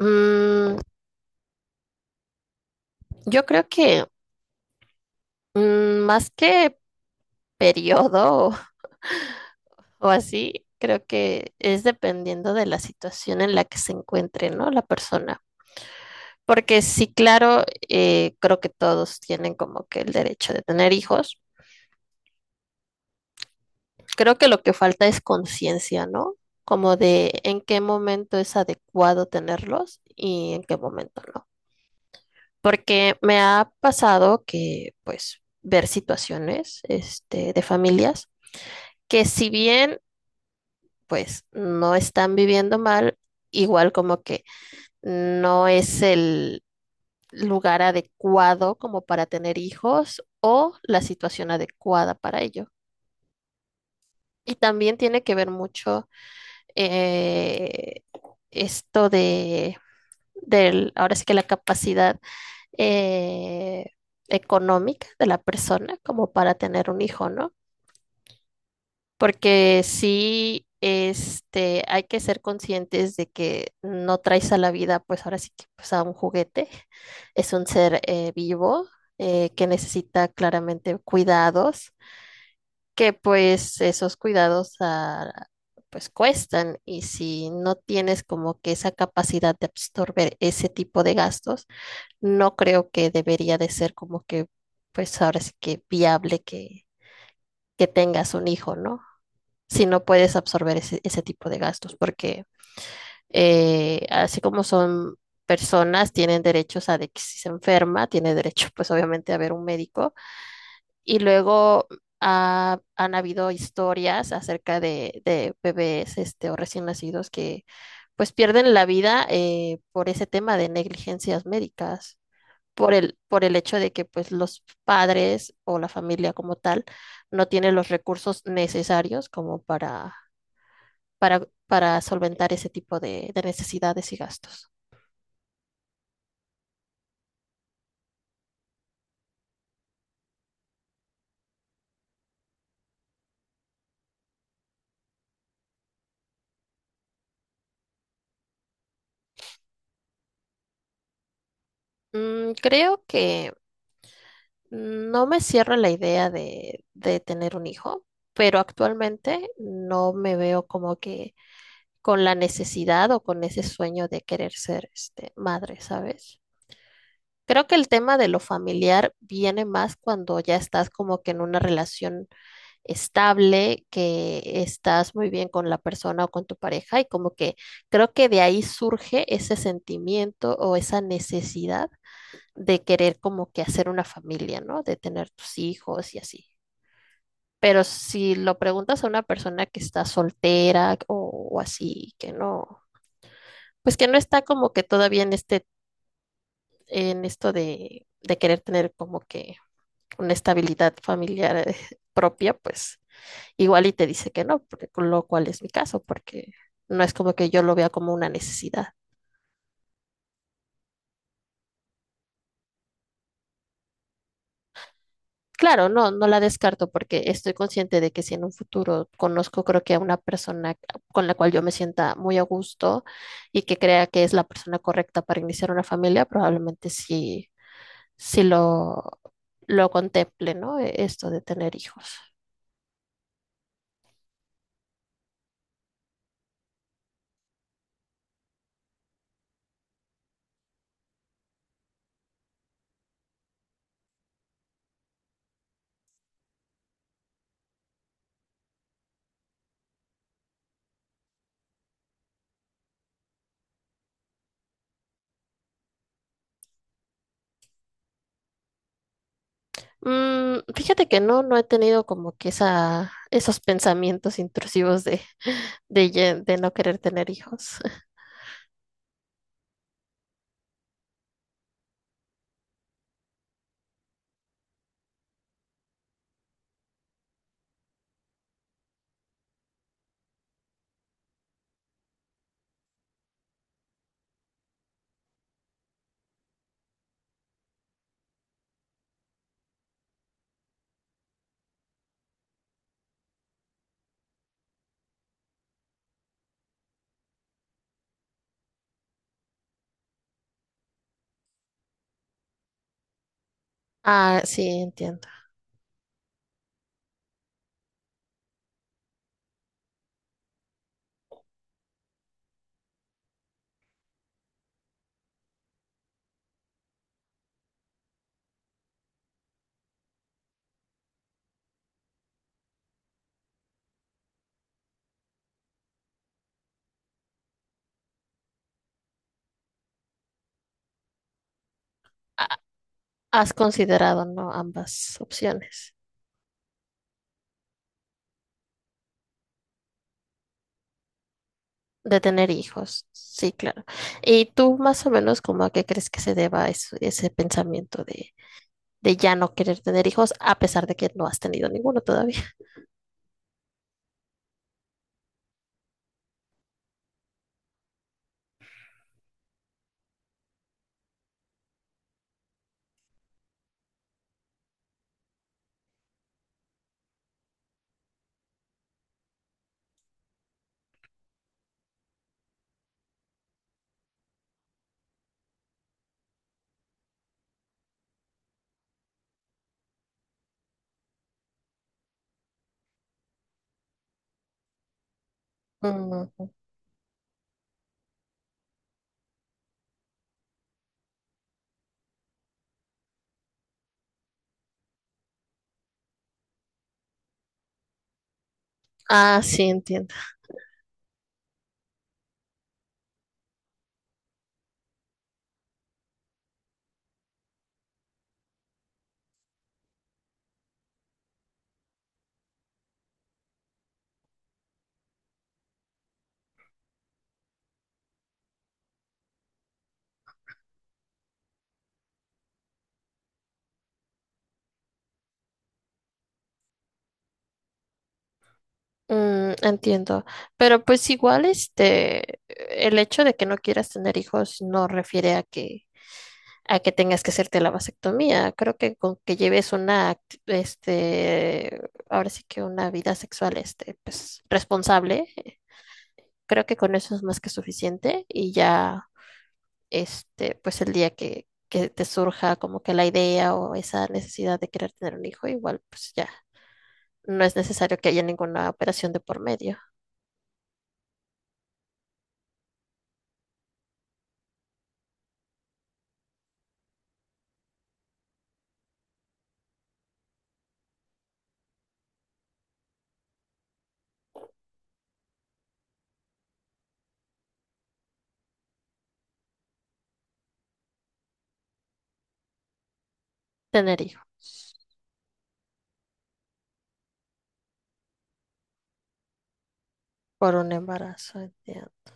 Mm, yo creo que más que periodo o así, creo que es dependiendo de la situación en la que se encuentre, ¿no? La persona. Porque sí, claro, creo que todos tienen como que el derecho de tener hijos. Creo que lo que falta es conciencia, ¿no? Como de en qué momento es adecuado tenerlos y en qué momento no. Porque me ha pasado que, pues, ver situaciones, este, de familias que si bien pues no están viviendo mal, igual como que no es el lugar adecuado como para tener hijos o la situación adecuada para ello. Y también tiene que ver mucho eh, esto del, ahora sí que la capacidad eh, económica de la persona como para tener un hijo, ¿no? Porque sí, este, hay que ser conscientes de que no traes a la vida, pues ahora sí que pues a un juguete, es un ser vivo que necesita claramente cuidados, que pues esos cuidados pues cuestan y si no tienes como que esa capacidad de absorber ese tipo de gastos, no creo que debería de ser como que pues ahora sí que viable que tengas un hijo, ¿no? Si no puedes absorber ese tipo de gastos, porque así como son personas, tienen derechos a de que si se enferma, tiene derecho pues obviamente a ver un médico. Y luego han habido historias acerca de bebés este, o recién nacidos que pues pierden la vida por ese tema de negligencias médicas, por por el hecho de que pues los padres o la familia como tal no tienen los recursos necesarios como para para solventar ese tipo de necesidades y gastos. Creo que no me cierro la idea de tener un hijo, pero actualmente no me veo como que con la necesidad o con ese sueño de querer ser este, madre, ¿sabes? Creo que el tema de lo familiar viene más cuando ya estás como que en una relación estable, que estás muy bien con la persona o con tu pareja y como que creo que de ahí surge ese sentimiento o esa necesidad de querer como que hacer una familia, ¿no? De tener tus hijos y así. Pero si lo preguntas a una persona que está soltera o así, que no, pues que no está como que todavía en este, en esto de querer tener como que una estabilidad familiar propia, pues igual y te dice que no, porque, con lo cual es mi caso, porque no es como que yo lo vea como una necesidad. Claro, no, no la descarto porque estoy consciente de que si en un futuro conozco, creo que a una persona con la cual yo me sienta muy a gusto y que crea que es la persona correcta para iniciar una familia, probablemente sí, sí lo contemple, ¿no? Esto de tener hijos. Fíjate que no, no he tenido como que esa, esos pensamientos intrusivos de no querer tener hijos. Ah, sí, entiendo. Ha- Has considerado, ¿no? Ambas opciones de tener hijos. Sí, claro. ¿Y tú más o menos como a qué crees que se deba ese pensamiento de ya no querer tener hijos a pesar de que no has tenido ninguno todavía? Mm, ah, sí, entiendo. Entiendo, pero pues igual este, el hecho de que no quieras tener hijos no refiere a que tengas que hacerte la vasectomía. Creo que con que lleves una, este, ahora sí que una vida sexual, este, pues responsable, creo que con eso es más que suficiente y ya, este, pues el día que te surja como que la idea o esa necesidad de querer tener un hijo, igual pues ya no es necesario que haya ninguna operación de por medio tener hijos. Por un embarazo, entiendo.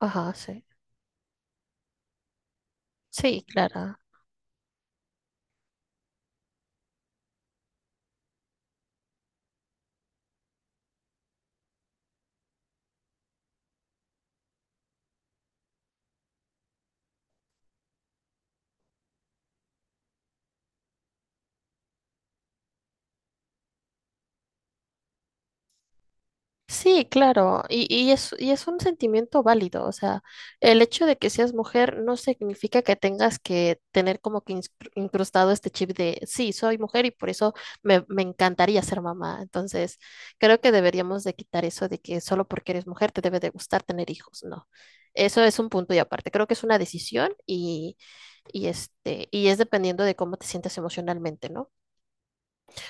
Ajá, sí. Sí, claro. Sí, claro. Y y es un sentimiento válido. O sea, el hecho de que seas mujer no significa que tengas que tener como que incrustado este chip de, sí, soy mujer y por eso me encantaría ser mamá. Entonces, creo que deberíamos de quitar eso de que solo porque eres mujer te debe de gustar tener hijos. No. Eso es un punto y aparte. Creo que es una decisión y este, y es dependiendo de cómo te sientes emocionalmente, ¿no?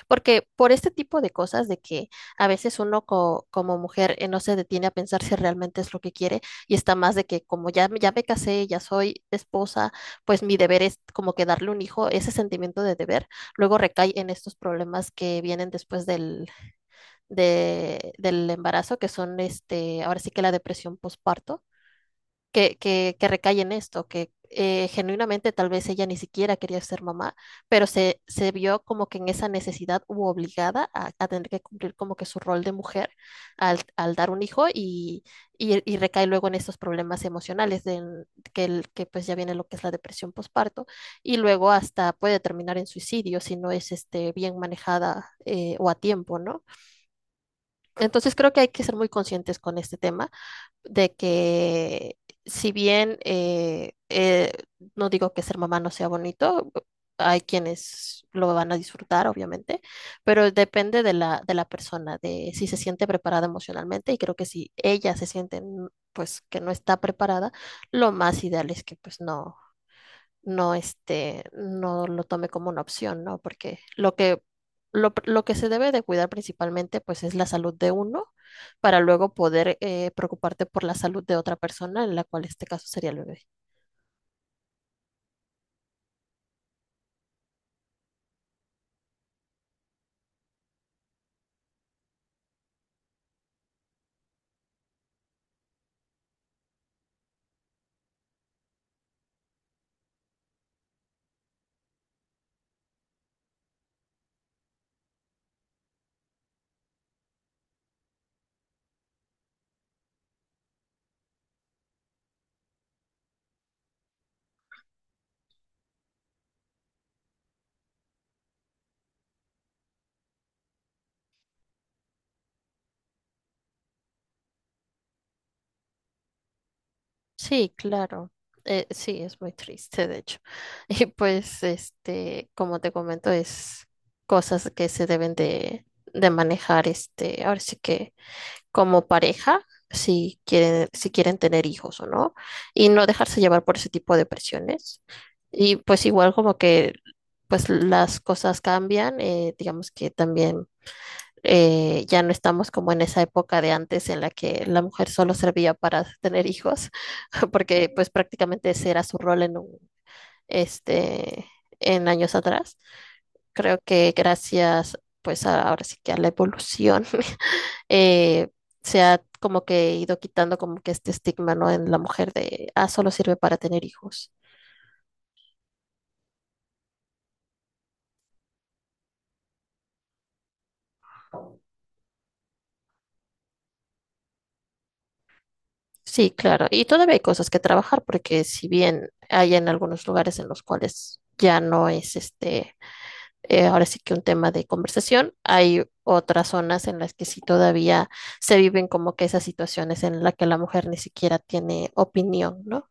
Porque por este tipo de cosas de que a veces uno como mujer no se detiene a pensar si realmente es lo que quiere y está más de que como ya, ya me casé, ya soy esposa, pues mi deber es como que darle un hijo, ese sentimiento de deber luego recae en estos problemas que vienen después del embarazo, que son este, ahora sí que la depresión postparto que recae en esto, que genuinamente tal vez ella ni siquiera quería ser mamá, pero se vio como que en esa necesidad u obligada a tener que cumplir como que su rol de mujer al dar un hijo y recae luego en estos problemas emocionales de, que, que pues ya viene lo que es la depresión postparto y luego hasta puede terminar en suicidio si no es este, bien manejada o a tiempo, ¿no? Entonces creo que hay que ser muy conscientes con este tema de que si bien no digo que ser mamá no sea bonito, hay quienes lo van a disfrutar, obviamente, pero depende de de la persona, de si se siente preparada emocionalmente y creo que si ella se siente pues que no está preparada, lo más ideal es que pues no, este, no lo tome como una opción, ¿no? Porque lo lo que se debe de cuidar principalmente, pues, es la salud de uno para luego poder preocuparte por la salud de otra persona, en la cual este caso sería el bebé. Sí, claro. Sí, es muy triste, de hecho. Y pues, este, como te comento, es cosas que se deben de manejar, este, ahora sí que como pareja si quieren, si quieren tener hijos o no, y no dejarse llevar por ese tipo de presiones. Y pues igual como que pues las cosas cambian, digamos que también ya no estamos como en esa época de antes en la que la mujer solo servía para tener hijos, porque pues prácticamente ese era su rol en un, este, en años atrás. Creo que gracias pues ahora sí que a la evolución eh, se ha como que ido quitando como que este estigma, ¿no? En la mujer de, ah, solo sirve para tener hijos. Sí, claro. Y todavía hay cosas que trabajar porque si bien hay en algunos lugares en los cuales ya no es este, ahora sí que un tema de conversación, hay otras zonas en las que sí todavía se viven como que esas situaciones en las que la mujer ni siquiera tiene opinión, ¿no?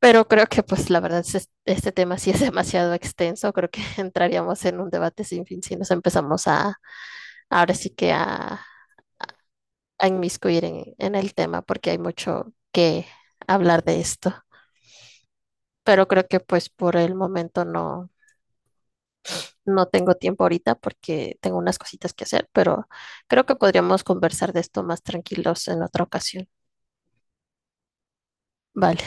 Pero creo que, pues, la verdad, este tema sí es demasiado extenso. Creo que entraríamos en un debate sin fin si nos empezamos ahora sí que a inmiscuir en el tema, porque hay mucho que hablar de esto. Pero creo que, pues, por el momento no tengo tiempo ahorita porque tengo unas cositas que hacer, pero creo que podríamos conversar de esto más tranquilos en otra ocasión. Vale.